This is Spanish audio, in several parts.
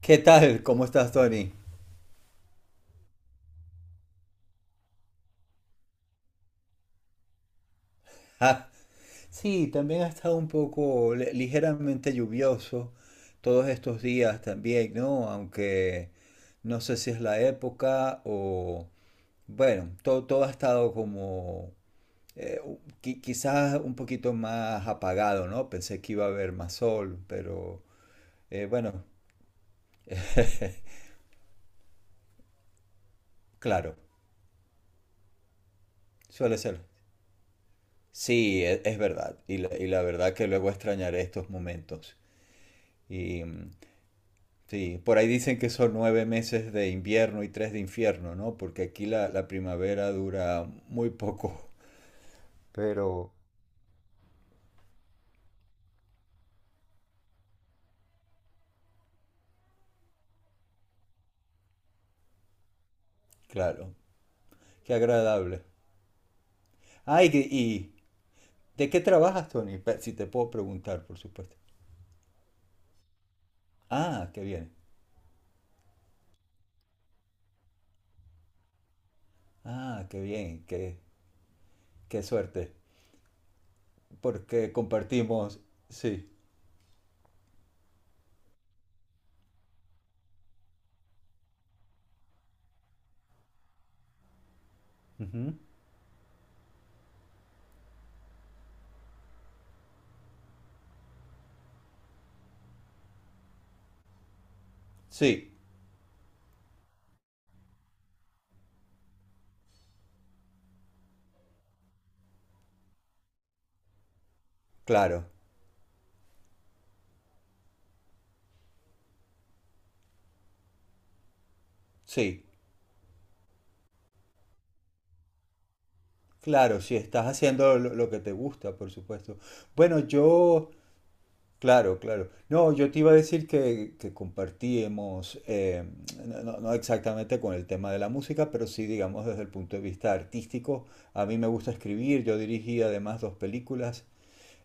¿Qué tal? ¿Cómo estás, Tony? Ah, sí, también ha estado un poco ligeramente lluvioso todos estos días también, ¿no? Aunque no sé si es la época o... Bueno, todo ha estado como... quizás un poquito más apagado, ¿no? Pensé que iba a haber más sol, pero bueno, claro, suele ser. Sí, es, verdad. Y la verdad que luego extrañaré estos momentos. Sí, por ahí dicen que son nueve meses de invierno y tres de infierno, ¿no? Porque aquí la primavera dura muy poco. Pero, claro, qué agradable. Ah, y ¿de qué trabajas, Tony? Si te puedo preguntar, por supuesto. Ah, qué bien. Ah, qué bien, qué, qué suerte. Porque compartimos, sí. Ujú. Sí, claro, sí, claro, si estás haciendo lo que te gusta, por supuesto. Bueno, yo claro, claro. No, yo te iba a decir que compartíamos, no, no exactamente con el tema de la música, pero sí, digamos, desde el punto de vista artístico. A mí me gusta escribir, yo dirigí además dos películas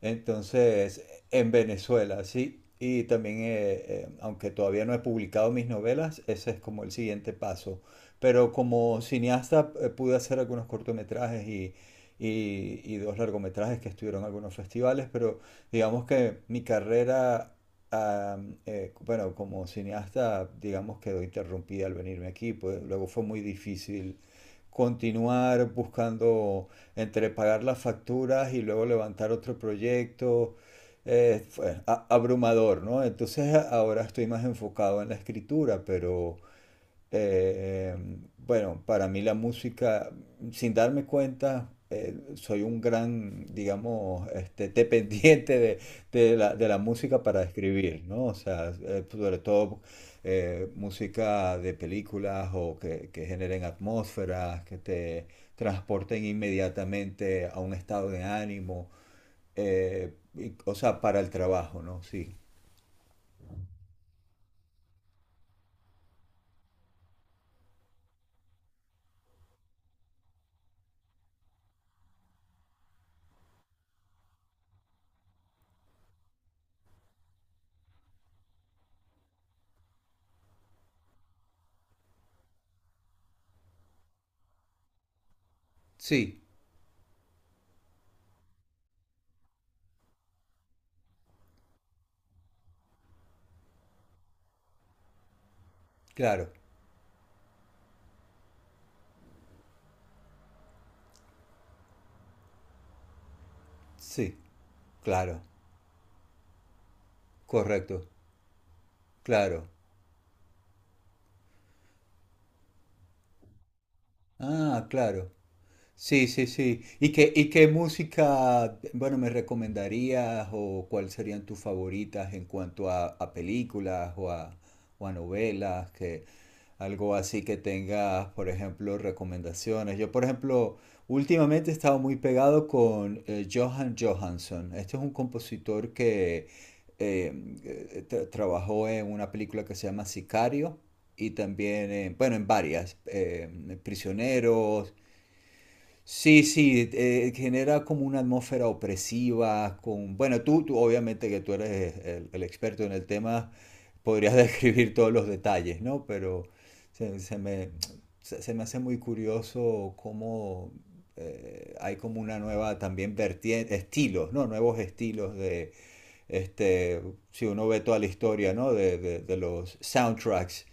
entonces, en Venezuela, sí. Y también, aunque todavía no he publicado mis novelas, ese es como el siguiente paso. Pero como cineasta pude hacer algunos cortometrajes y, y dos largometrajes que estuvieron en algunos festivales, pero digamos que mi carrera, bueno, como cineasta, digamos quedó interrumpida al venirme aquí, pues luego fue muy difícil continuar buscando entre pagar las facturas y luego levantar otro proyecto, fue abrumador, ¿no? Entonces ahora estoy más enfocado en la escritura, pero eh, bueno, para mí la música, sin darme cuenta, soy un gran, digamos, este, dependiente de, de la música para escribir, ¿no? O sea, sobre todo música de películas o que generen atmósferas, que te transporten inmediatamente a un estado de ánimo, o sea, para el trabajo, ¿no? Sí, sí, claro, sí, claro, correcto. Claro. Ah, claro. Sí, sí, sí. Y qué música, bueno, me recomendarías o cuáles serían tus favoritas en cuanto a películas o a novelas? Que, algo así que tengas, por ejemplo, recomendaciones. Yo, por ejemplo, últimamente he estado muy pegado con Johan Johansson. Este es un compositor que eh, trabajó en una película que se llama Sicario y también, bueno, en varias, Prisioneros, sí, sí, genera como una atmósfera opresiva, con, bueno, tú obviamente que tú eres el experto en el tema, podrías describir todos los detalles, ¿no? Pero se, se me, se me hace muy curioso cómo hay como una nueva también vertiente, estilos, ¿no? Nuevos estilos de, este, si uno ve toda la historia, ¿no? De los soundtracks,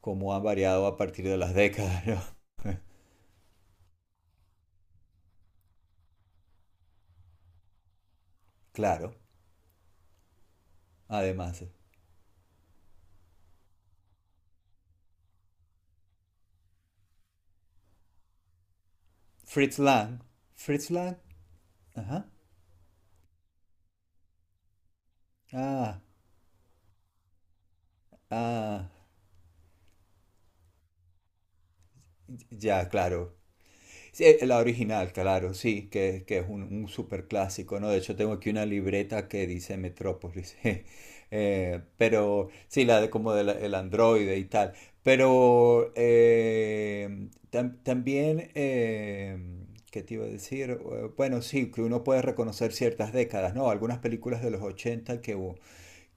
cómo han variado a partir de las décadas, ¿no? Claro, además. Fritz Lang. Fritz Lang. Ajá. Ah, ah. Ya, claro. Sí, la original, claro, sí, que es un super clásico, ¿no? De hecho, tengo aquí una libreta que dice Metrópolis. Pero sí, la de como del el androide y tal. Pero también, ¿qué te iba a decir? Bueno, sí, que uno puede reconocer ciertas décadas, ¿no? Algunas películas de los 80 que,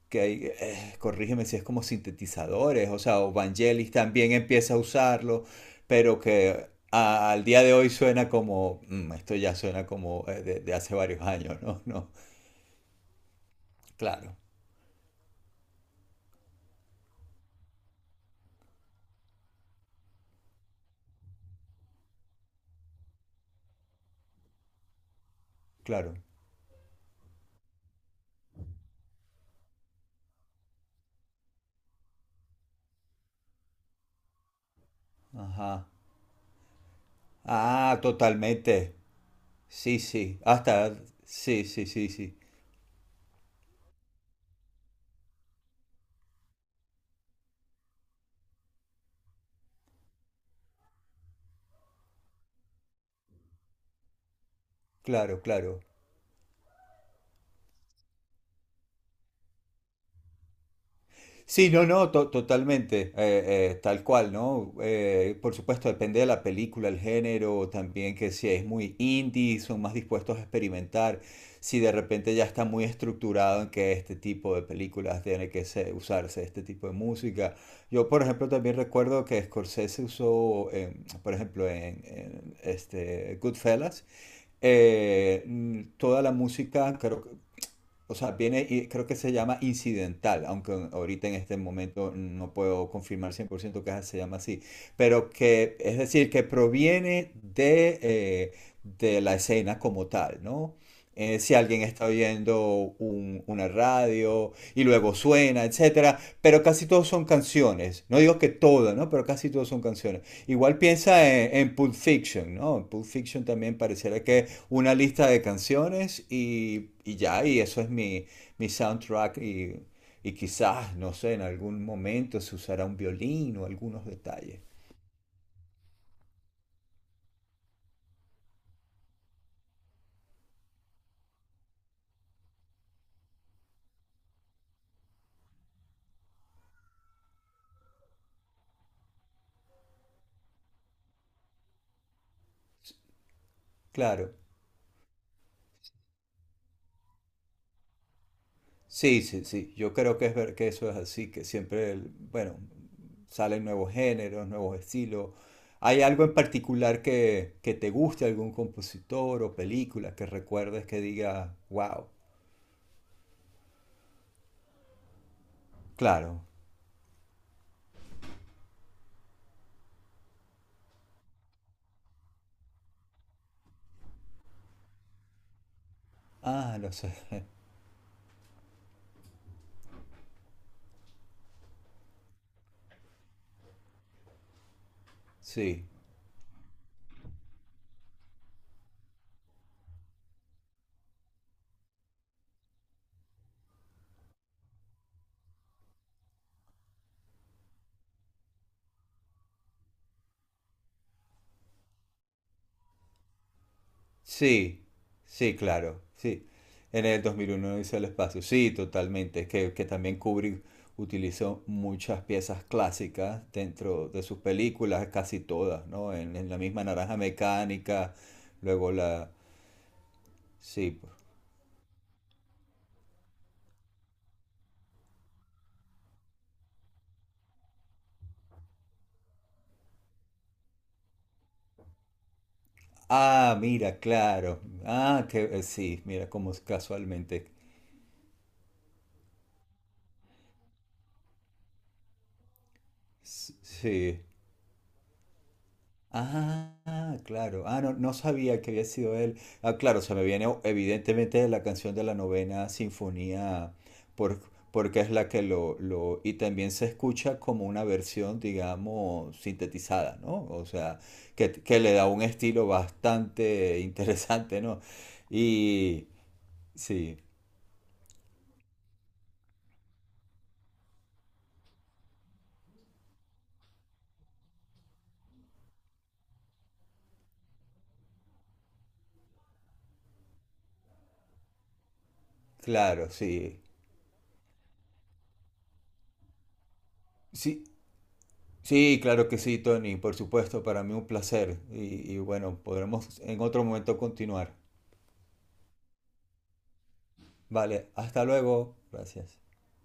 que hay, corrígeme si es como sintetizadores, o sea, o Vangelis también empieza a usarlo, pero que al día de hoy suena como, "Mm, esto ya suena como de hace varios años, ¿no? No, claro, claro. Ajá. Ah, totalmente. Sí, sí. Hasta, sí, sí, sí, sí. Claro, claro. Sí, no, no, totalmente, tal cual, ¿no? Por supuesto, depende de la película, el género, también que si es muy indie, son más dispuestos a experimentar, si de repente ya está muy estructurado en que este tipo de películas tiene que usarse este tipo de música. Yo, por ejemplo, también recuerdo que Scorsese usó, por ejemplo, en este Goodfellas, toda la música, creo, o sea, viene y creo que se llama incidental, aunque ahorita en este momento no puedo confirmar 100% que se llama así, pero que es decir, que proviene de la escena como tal, ¿no? Si alguien está oyendo una radio y luego suena, etcétera, pero casi todos son canciones. No digo que todas, ¿no? Pero casi todos son canciones. Igual piensa en Pulp Fiction, ¿no? En Pulp Fiction también pareciera que una lista de canciones y ya, y eso es mi, mi soundtrack y quizás, no sé, en algún momento se usará un violín o algunos detalles. Claro, sí, sí, sí, yo creo que es ver que eso es así, que siempre, el- bueno, salen nuevos géneros, nuevos estilos. ¿Hay algo en particular que te guste, algún compositor o película que recuerdes que diga, wow? Claro, ah, lo sé. Sí, sí, sí, claro, sí. En el 2001 hizo el espacio, sí, totalmente. Es que también Kubrick utilizó muchas piezas clásicas dentro de sus películas, casi todas, ¿no? En la misma Naranja Mecánica, luego la... Sí. Ah, mira, claro. Ah, que sí, mira cómo casualmente. Sí. Ah, claro. Ah, no, no sabía que había sido él. Ah, claro, se me viene evidentemente la canción de la novena sinfonía, por- porque es la que lo... Y también se escucha como una versión, digamos, sintetizada, ¿no? O sea, que le da un estilo bastante interesante, ¿no? Y sí, claro, sí. Sí, sí, claro que sí, Tony, por supuesto, para mí un placer. Y bueno, podremos en otro momento continuar. Vale, hasta luego. Gracias.